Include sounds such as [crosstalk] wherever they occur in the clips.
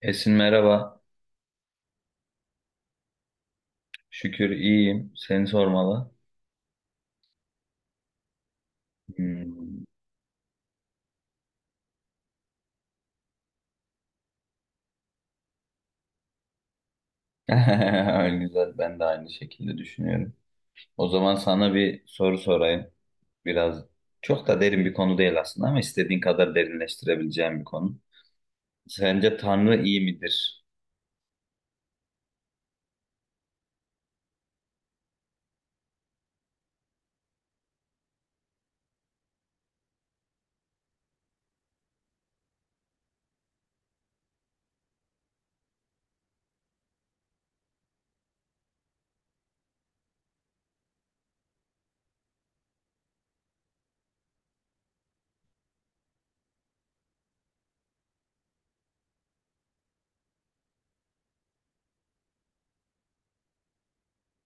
Esin, merhaba. Şükür iyiyim. Seni sormalı. Hmm. [laughs] Güzel. Ben de aynı şekilde düşünüyorum. O zaman sana bir soru sorayım. Biraz çok da derin bir konu değil aslında ama istediğin kadar derinleştirebileceğim bir konu. Sence Tanrı iyi midir?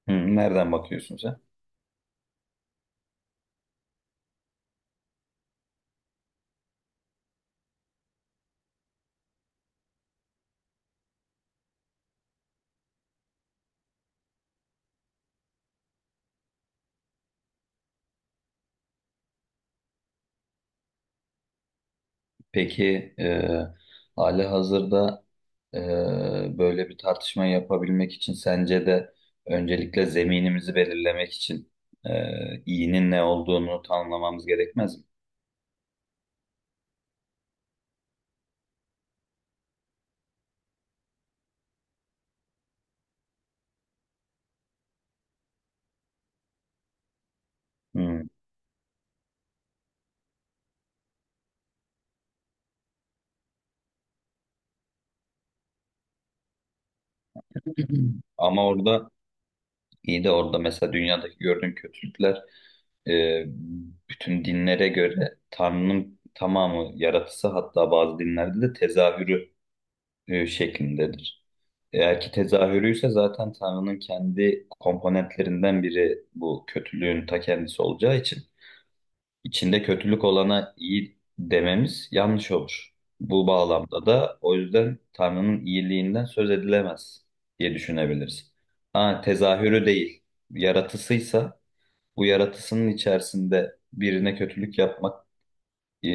Nereden bakıyorsun sen? Peki hali hazırda e, böyle bir tartışma yapabilmek için sence de öncelikle zeminimizi belirlemek için iyinin ne olduğunu tanımlamamız gerekmez mi? Hmm. [clears throat] Ama orada iyi de orada mesela dünyadaki gördüğün kötülükler e, bütün dinlere göre Tanrı'nın tamamı yaratısı, hatta bazı dinlerde de tezahürü şeklindedir. Eğer ki tezahürüyse, zaten Tanrı'nın kendi komponentlerinden biri bu kötülüğün ta kendisi olacağı için içinde kötülük olana iyi dememiz yanlış olur. Bu bağlamda da o yüzden Tanrı'nın iyiliğinden söz edilemez diye düşünebiliriz. Ha, tezahürü değil, yaratısıysa, bu yaratısının içerisinde birine kötülük yapmak, e,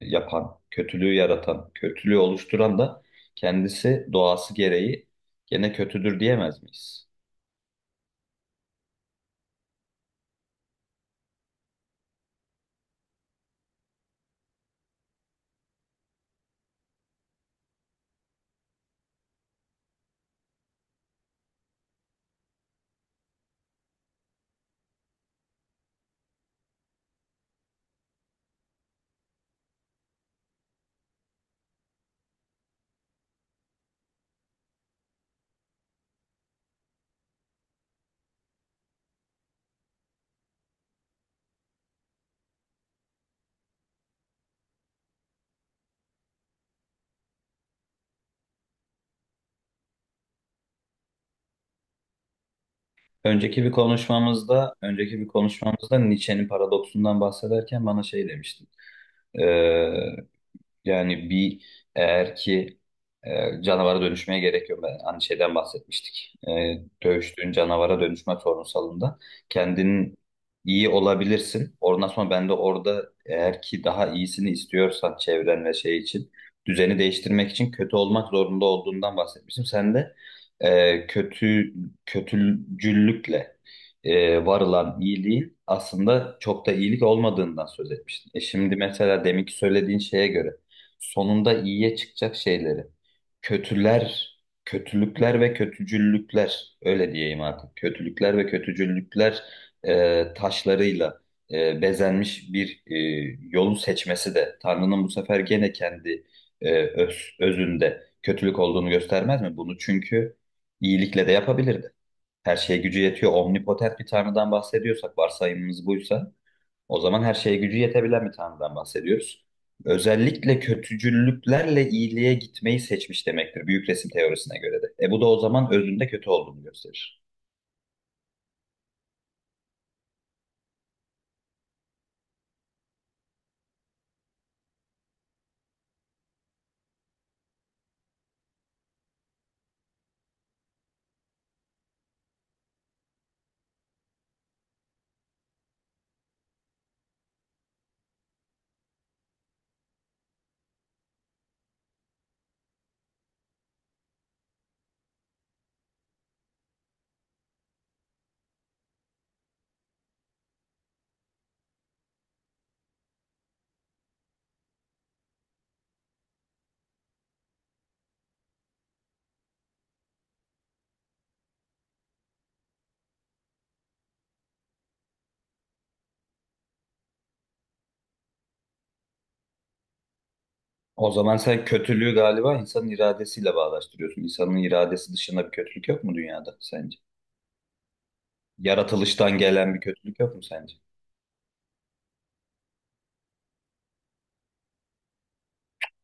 yapan, kötülüğü yaratan, kötülüğü oluşturan da kendisi, doğası gereği gene kötüdür diyemez miyiz? Önceki bir konuşmamızda, Nietzsche'nin paradoksundan bahsederken bana şey demiştin. Yani eğer ki canavara dönüşmeye gerek yok. Ben hani şeyden bahsetmiştik. Dövüştüğün canavara dönüşme sorunsalında kendin iyi olabilirsin. Ondan sonra ben de orada, eğer ki daha iyisini istiyorsan çevren ve şey için, düzeni değiştirmek için kötü olmak zorunda olduğundan bahsetmiştim. Sen de e, kötü kötücüllükle varılan iyiliğin aslında çok da iyilik olmadığından söz etmiştin. Şimdi mesela deminki söylediğin şeye göre sonunda iyiye çıkacak şeyleri. Kötüler, kötülükler ve kötücüllükler, öyle diyeyim artık. Kötülükler ve kötücüllükler taşlarıyla bezenmiş bir yolu seçmesi de Tanrı'nın, bu sefer gene kendi özünde kötülük olduğunu göstermez mi? Bunu çünkü iyilikle de yapabilirdi. Her şeye gücü yetiyor. Omnipotent bir Tanrı'dan bahsediyorsak, varsayımımız buysa, o zaman her şeye gücü yetebilen bir tanrıdan bahsediyoruz. Özellikle kötücüllüklerle iyiliğe gitmeyi seçmiş demektir büyük resim teorisine göre de. Bu da o zaman özünde kötü olduğunu gösterir. O zaman sen kötülüğü galiba insanın iradesiyle bağdaştırıyorsun. İnsanın iradesi dışında bir kötülük yok mu dünyada sence? Yaratılıştan gelen bir kötülük yok mu sence?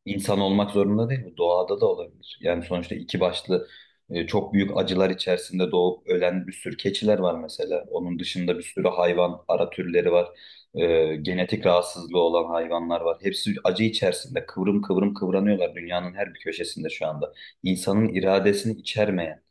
İnsan olmak zorunda değil bu. Doğada da olabilir. Yani sonuçta iki başlı, çok büyük acılar içerisinde doğup ölen bir sürü keçiler var mesela. Onun dışında bir sürü hayvan, ara türleri var. Genetik rahatsızlığı olan hayvanlar var. Hepsi acı içerisinde kıvrım kıvrım kıvranıyorlar dünyanın her bir köşesinde şu anda. İnsanın iradesini içermeyen,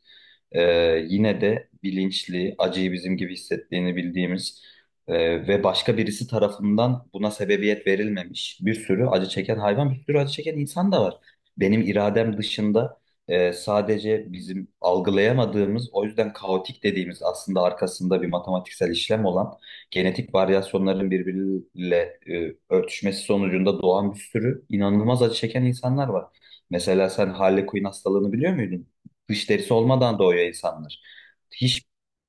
e, yine de bilinçli, acıyı bizim gibi hissettiğini bildiğimiz, ve başka birisi tarafından buna sebebiyet verilmemiş bir sürü acı çeken hayvan, bir sürü acı çeken insan da var. Benim iradem dışında, sadece bizim algılayamadığımız, o yüzden kaotik dediğimiz, aslında arkasında bir matematiksel işlem olan genetik varyasyonların birbiriyle örtüşmesi sonucunda doğan bir sürü inanılmaz acı çeken insanlar var. Mesela sen Harley Quinn hastalığını biliyor muydun? Dış derisi olmadan doğuyor insanlar. Hiç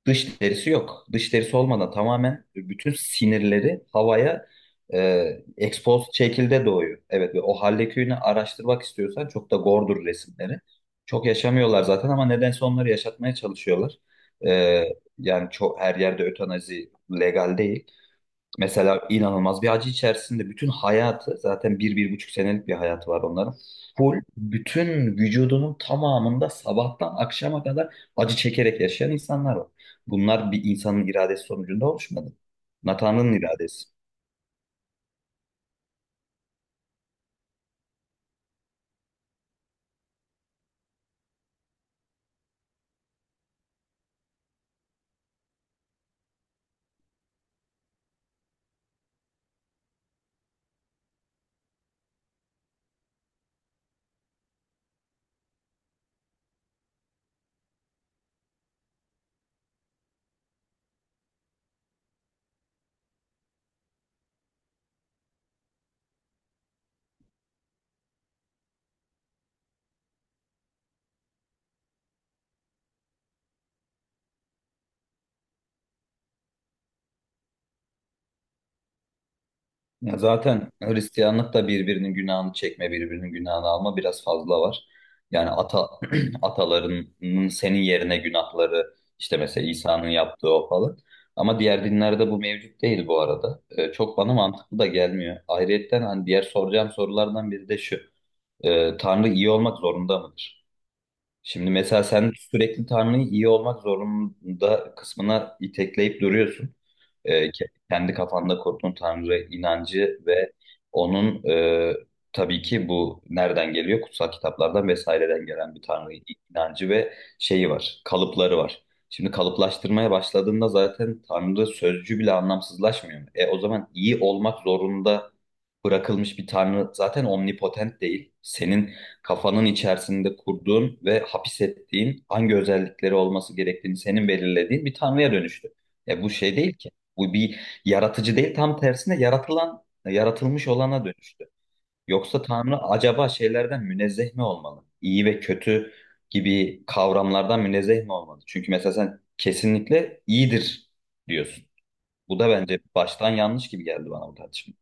dış derisi yok. Dış derisi olmadan, tamamen bütün sinirleri havaya expose şekilde doğuyor. Evet, ve o Hallekühn'i araştırmak istiyorsan çok da gordur resimleri. Çok yaşamıyorlar zaten, ama nedense onları yaşatmaya çalışıyorlar. E, Yani çok her yerde ötanazi legal değil. Mesela inanılmaz bir acı içerisinde bütün hayatı, zaten bir, bir buçuk senelik bir hayatı var onların. Full bütün vücudunun tamamında sabahtan akşama kadar acı çekerek yaşayan insanlar var. Bunlar bir insanın iradesi sonucunda oluşmadı. Tanrı'nın iradesi. Ya zaten Hristiyanlık da birbirinin günahını çekme, birbirinin günahını alma biraz fazla var. Yani [clears throat] atalarının senin yerine günahları, işte mesela İsa'nın yaptığı o falan. Ama diğer dinlerde bu mevcut değil bu arada. Çok bana mantıklı da gelmiyor. Ayrıyetten hani diğer soracağım sorulardan biri de şu: Tanrı iyi olmak zorunda mıdır? Şimdi mesela sen sürekli Tanrı'yı iyi olmak zorunda kısmına itekleyip duruyorsun. Kendi kafanda kurduğun Tanrı inancı ve onun, tabii ki bu nereden geliyor? Kutsal kitaplardan vesaireden gelen bir Tanrı inancı ve şeyi var, kalıpları var. Şimdi kalıplaştırmaya başladığında zaten Tanrı sözcüğü bile anlamsızlaşmıyor. O zaman iyi olmak zorunda bırakılmış bir Tanrı zaten omnipotent değil. Senin kafanın içerisinde kurduğun ve hapis ettiğin, hangi özellikleri olması gerektiğini senin belirlediğin bir tanrıya dönüştü. Ya bu şey değil ki. Bu bir yaratıcı değil, tam tersine yaratılan, yaratılmış olana dönüştü. Yoksa tanrı acaba şeylerden münezzeh mi olmalı? İyi ve kötü gibi kavramlardan münezzeh mi olmalı? Çünkü mesela sen kesinlikle iyidir diyorsun. Bu da bence baştan yanlış gibi geldi bana, bu tartışma.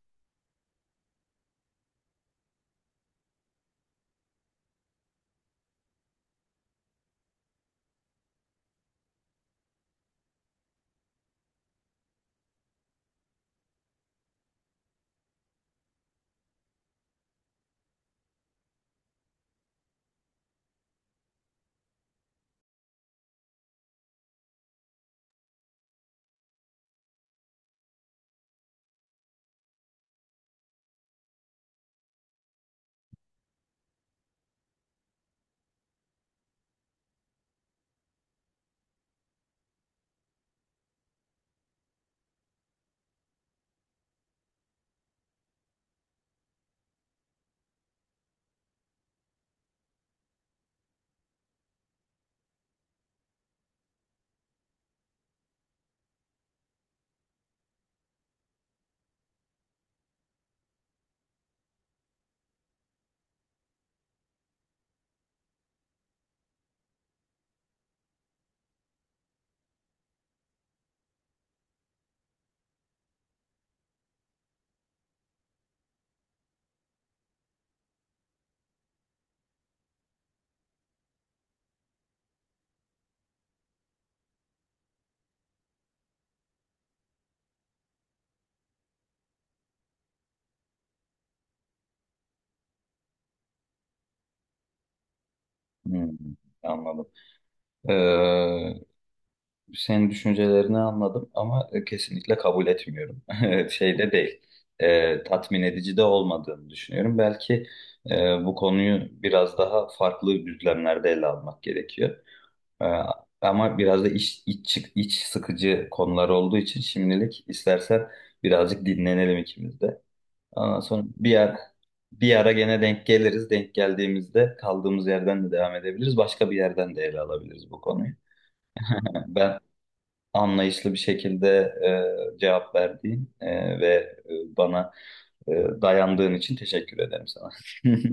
Hmm, Anladım. Ee, Senin düşüncelerini anladım ama kesinlikle kabul etmiyorum. [laughs] Şeyde değil, tatmin edici de olmadığını düşünüyorum. Belki bu konuyu biraz daha farklı düzlemlerde ele almak gerekiyor. E, Ama biraz da iç sıkıcı konular olduğu için şimdilik istersen birazcık dinlenelim ikimiz de. Ondan sonra bir ara gene denk geliriz. Denk geldiğimizde kaldığımız yerden de devam edebiliriz. Başka bir yerden de ele alabiliriz bu konuyu. Ben, anlayışlı bir şekilde cevap verdiğin bana e, dayandığın için teşekkür ederim sana. [laughs]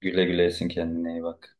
Güle güle, Esin, kendine iyi bak.